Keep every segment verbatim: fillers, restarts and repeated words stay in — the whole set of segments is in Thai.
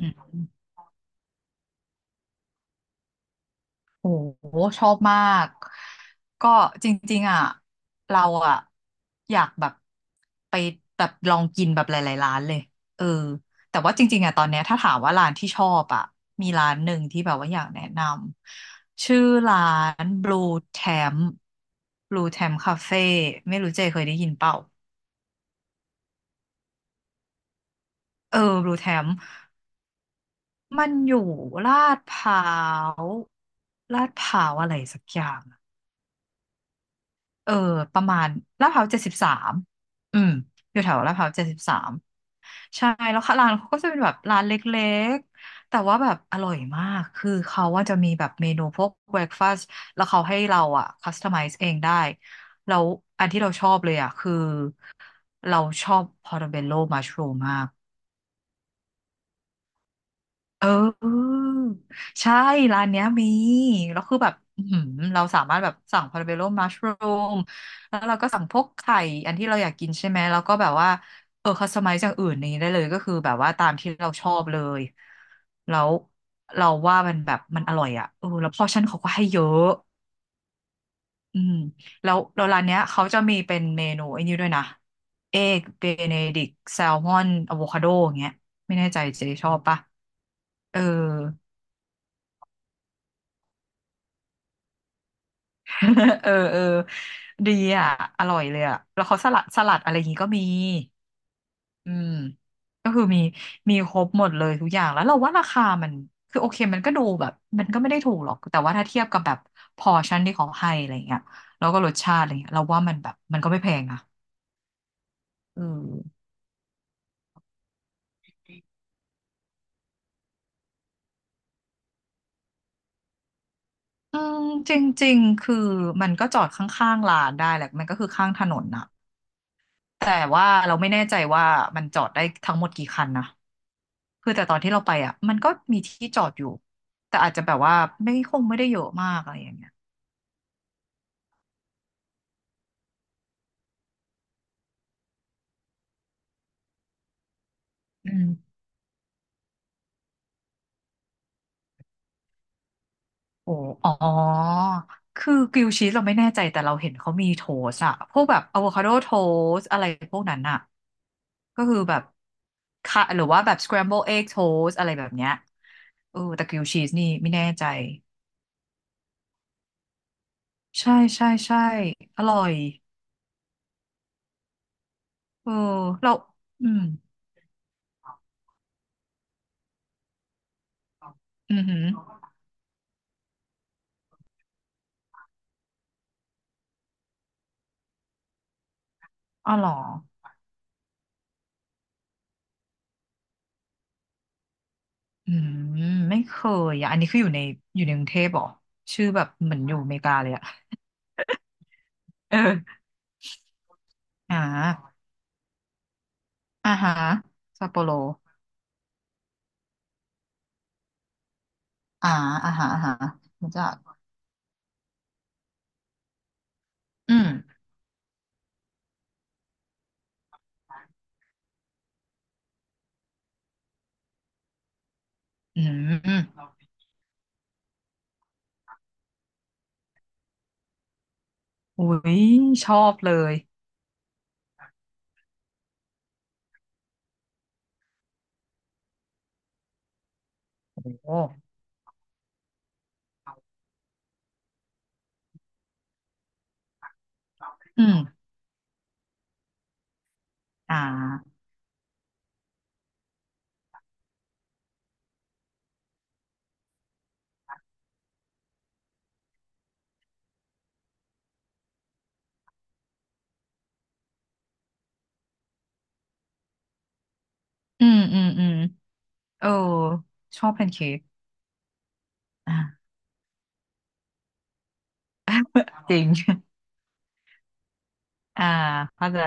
อืมโอ้โหชอบมากก็จริงๆอ่ะเราอ่ะอยากแบบไปแบบลองกินแบบหลายๆร้านเลยเออแต่ว่าจริงๆอ่ะตอนเนี้ยถ้าถามว่าร้านที่ชอบอ่ะมีร้านหนึ่งที่แบบว่าอยากแนะนำชื่อร้าน Blue Temp Blue Temp Cafe ไม่รู้เจเคยได้ยินเปล่าเออ Blue Temp มันอยู่ลาดพร้าวลาดพร้าวอะไรสักอย่าง เออประมาณลาดพร้าวเจ็ดสิบสามอืมอยู่แถวลาดพร้าวเจ็ดสิบสามใช่แล้วค่ะร้านเขาก็จะเป็นแบบร้านเล็กๆแต่ว่าแบบอร่อยมากคือเขาว่าจะมีแบบเมนูพวกเบรคฟาสต์แล้วเขาให้เราอ่ะคัสตอมไมซ์เองได้แล้วอันที่เราชอบเลยอ่ะคือเราชอบพอร์ตเบลโลมัชรูมมาก เออใช่ร้านเนี้ยมีแล้วคือแบบอื้อหือเราสามารถแบบสั่งพาราเบโลมัชรูมแล้วเราก็สั่งพวกไข่อันที่เราอยากกินใช่ไหมแล้วก็แบบว่าเออคัสตอมไมซ์จากอื่นนี้ได้เลยก็คือแบบว่าตามที่เราชอบเลยแล้วเราว่ามันแบบมันอร่อยอ่ะเออแล้วพอชั่นเขาก็ให้เยอะอืมแล้วแล้วร้านเนี้ยเขาจะมีเป็นเมนูไอ้นี่ด้วยนะเอกเบเนดิกแซลมอนอะโวคาโดอย่างเงี้ยไม่แน่ใจเจ๊ชอบปะเออ เออเออดีอ่ะอร่อยเลยอ่ะแล้วเขาสลัดสลัดอะไรอย่างงี้ก็มีอืมก็คือมีมีครบหมดเลยทุกอย่างแล้วเราว่าราคามันคือโอเคมันก็ดูแบบมันก็ไม่ได้ถูกหรอกแต่ว่าถ้าเทียบกับแบบพอร์ชั่นที่เขาให้อะไรเงี้ยแล้วก็รสชาติอะไรเงี้ยเราว่ามันแบบมันก็ไม่แพงนะเอออืมจริงๆคือมันก็จอดข้างๆร้านได้แหละมันก็คือข้างถนนนะแต่ว่าเราไม่แน่ใจว่ามันจอดได้ทั้งหมดกี่คันนะ คือแต่ตอนที่เราไปอ่ะมันก็มีที่จอดอยู่แต่อาจจะแบบว่าไม่คงไม่ได้เยอะมากอะไรอย่างเงี้ยอืมโอ้อ๋อคือกริลด์ชีสเราไม่แน่ใจแต่เราเห็นเขามีโทสอะพวกแบบอะโวคาโดโทสอะไรพวกนั้นอะก็คือแบบค่ะหรือว่าแบบสครัมเบิลเอ็กโทสอะไรแบบเนี้ยเออแต่กริลด์ชีสนี่ไม่แน่ใจใช่ใช่ใช่อร่อยเออเราอืมอือหืออ๋อเหรอ อืมไม่เคยอ่ะอันนี้คืออยู่ในอยู่ในกรุงเทพเหรอชื่อแบบเหมือนอยู่อเมริกาเลยอ่ะเอออ่าอ่าฮะซัปโปโรอ่าอ่าฮะอ่าฮะรู้จักอืมอืมอุ้ยชอบเลยโอ้โหอืมอ่าอืมอืมอืมเออชอบแพนเค้กอ่า จริงอ่าเข้าใจ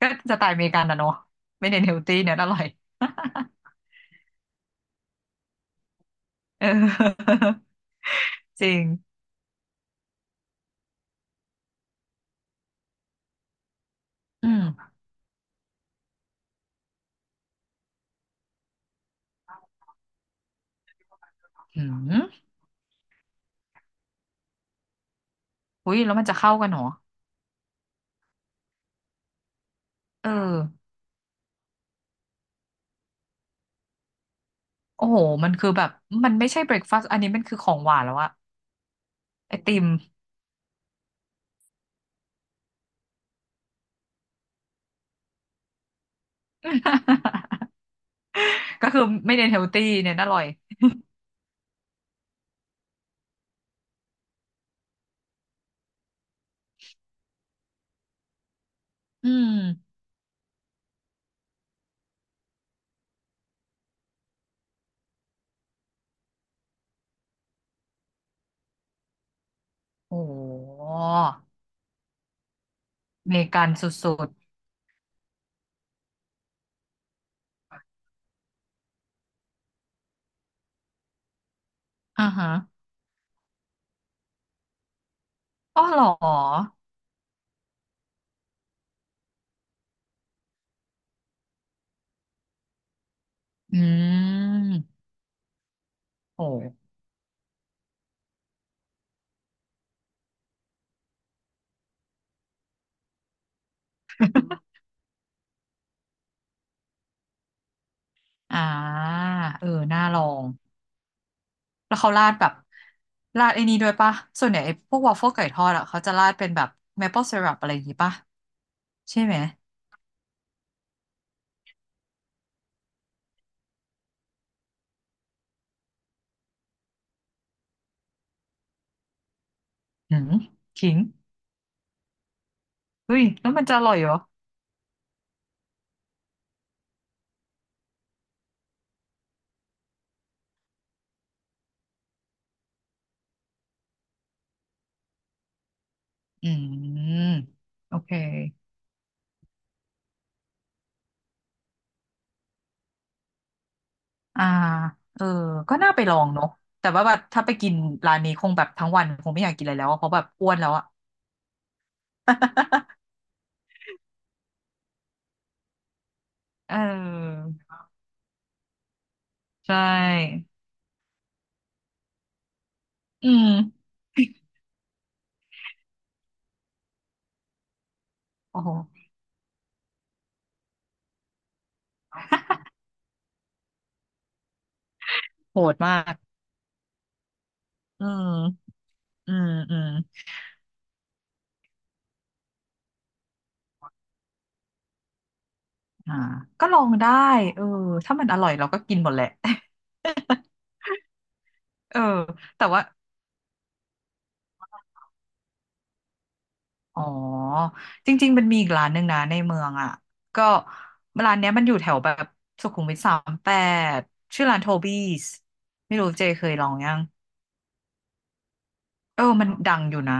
ก็สไตล์อเมริกันนะเนอะไม่เน้นเฮลตี้เน้นอร่อย เออ จริงอืม อืมอุ้ยแล้วมันจะเข้ากันเหรอเออโอ้โห มันคือแบบ มันไม่ใช่เบรคฟาสต์อันนี้มันคือของหวานแล้วอะไอติม ก็คือไม่เน้นเฮลตี้เน้นอร่อย อืม โอ้โหอเมริกันสุดๆอ่าฮะอ๋อเหรออืม โอ้ อ่า เออ น่าลอง แล้วเขาราดแบบราดไอ้นี้ด้วยปะส่วนใหญ่ไอ้พวกวอฟเฟิลไก่ทอดอะเขาจะราดเป็นแบบ maple syrup อะไรอย่างงี้ปะใช่ไหมหืมขิง เฮ้ยแล้วมันจะอร่อยเหรออืม โอเค อ่า เออก็น่าไปลองเนาะแต่ว่าแบบถ้าไปกินร้านนี้คงแบบทั้งวันคงไม่อยากกินอะไรแล้วอะเพราะแบบอ้วนแล้วอะ เออใช่ อืมโอ้โหโหดมากอืมอืมอืมอ่าก็ลองได้เออถ้ามันอร่อยเราก็กินหมดแหละ เออแต่ว่า อ๋อจริงๆมันมีอีกร้านหนึ่งนะในเมืองอ่ะก็ร้านเนี้ยมันอยู่แถวแบบสุขุมวิทสามแปดชื่อร้านโทบี้สไม่รู้เจเคยลองยังเออมันดังอยู่นะ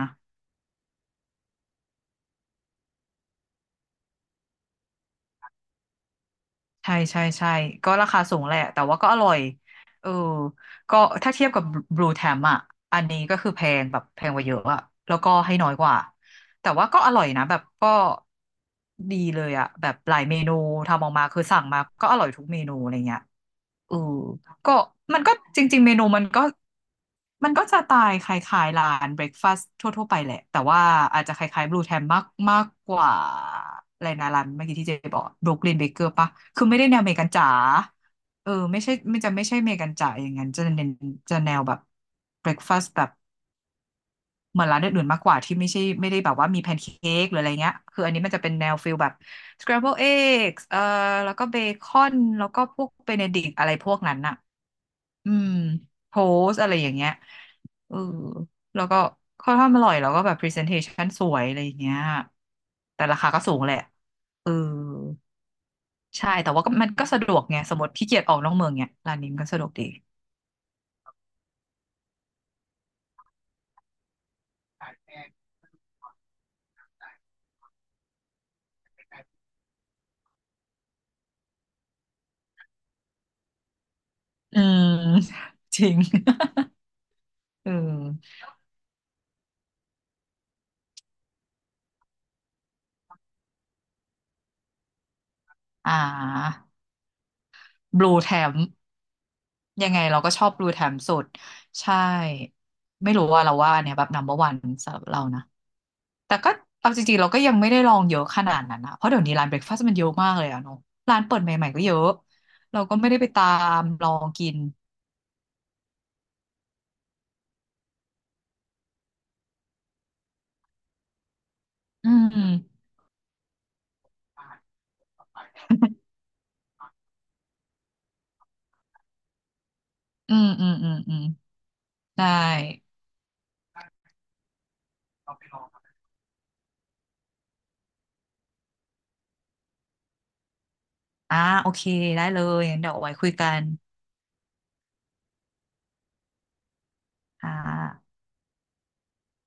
ใช่ใช่ใช่ก็ราคาสูงแหละแต่ว่าก็อร่อยเออก็ถ้าเทียบกับบลูแทมอ่ะอันนี้ก็คือแพงแบบแพงกว่าเยอะอะแล้วก็ให้น้อยกว่าแต่ว่าก็อร่อยนะแบบก็ดีเลยอ่ะแบบหลายเมนูทำออกมาคือสั่งมาก็อร่อยทุกเมนูอะไรเงี้ย อืมก็มันก็จริงๆเมนูมันก็มันก็จะตายคล้ายๆร้านเบรคฟาสต์ทั่วๆไปแหละแต่ว่าอาจจะคล้ายๆบลูแทมมากมากกว่าอะไรนะร้านเมื่อกี้ที่เจ๊บอกบรูคลินเบเกอร์ปะคือไม่ได้แนวอเมริกันจ๋าเออไม่ใช่ไม่จะไม่ใช่อเมริกันจ๋าอย่างนั้นจะเน้นจะแนวแบบเบรคฟาสต์แบบเหมือนร้านอื่นๆมากกว่าที่ไม่ใช่ไม่ได้แบบว่ามีแพนเค้กหรืออะไรเงี้ยคืออันนี้มันจะเป็นแนวฟิลแบบ scramble eggs เอ่อแล้วก็เบคอนแล้วก็พวกเบเนดิกต์อะไรพวกนั้นอะ อืมโพสอะไรอย่างเงี้ยเออแล้วก็ข้อนข้างอร่อยแล้วก็แบบพรีเซนเทชันสวยอะไรอย่างเงี้ยแต่ราคาก็สูงแหละเออใช่แต่ว่าก็มันก็สะดวกไงสมมติขี้เกียจออกนอกเมืองเนี่ยร้านนี้มันก็สะดวกดีอืม จริง เอออ่าบลูแทมยังไงเราก็ชอบบลูแทมสุดใช่ไม่รู้ว่าเราว่าอันเนี่ยแบบ นัมเบอร์ วัน สำหรับเรานะ แต่ก็เอาจริงๆเราก็ยังไม่ได้ลองเยอะขนาดนั้นนะเพราะเดี๋ยวนี้ร้านเบรคฟาสต์มันเยอะมากเลยอะเนาะร้านเปิดใหม่ๆก็เยอะเราก็ไม่ได้ไปตามลองกินอืมอืมอืมอืมอืมได้อ่าโอเคได้เลยงั้นเดี๋ยวเอาไว้คุยกันอ่า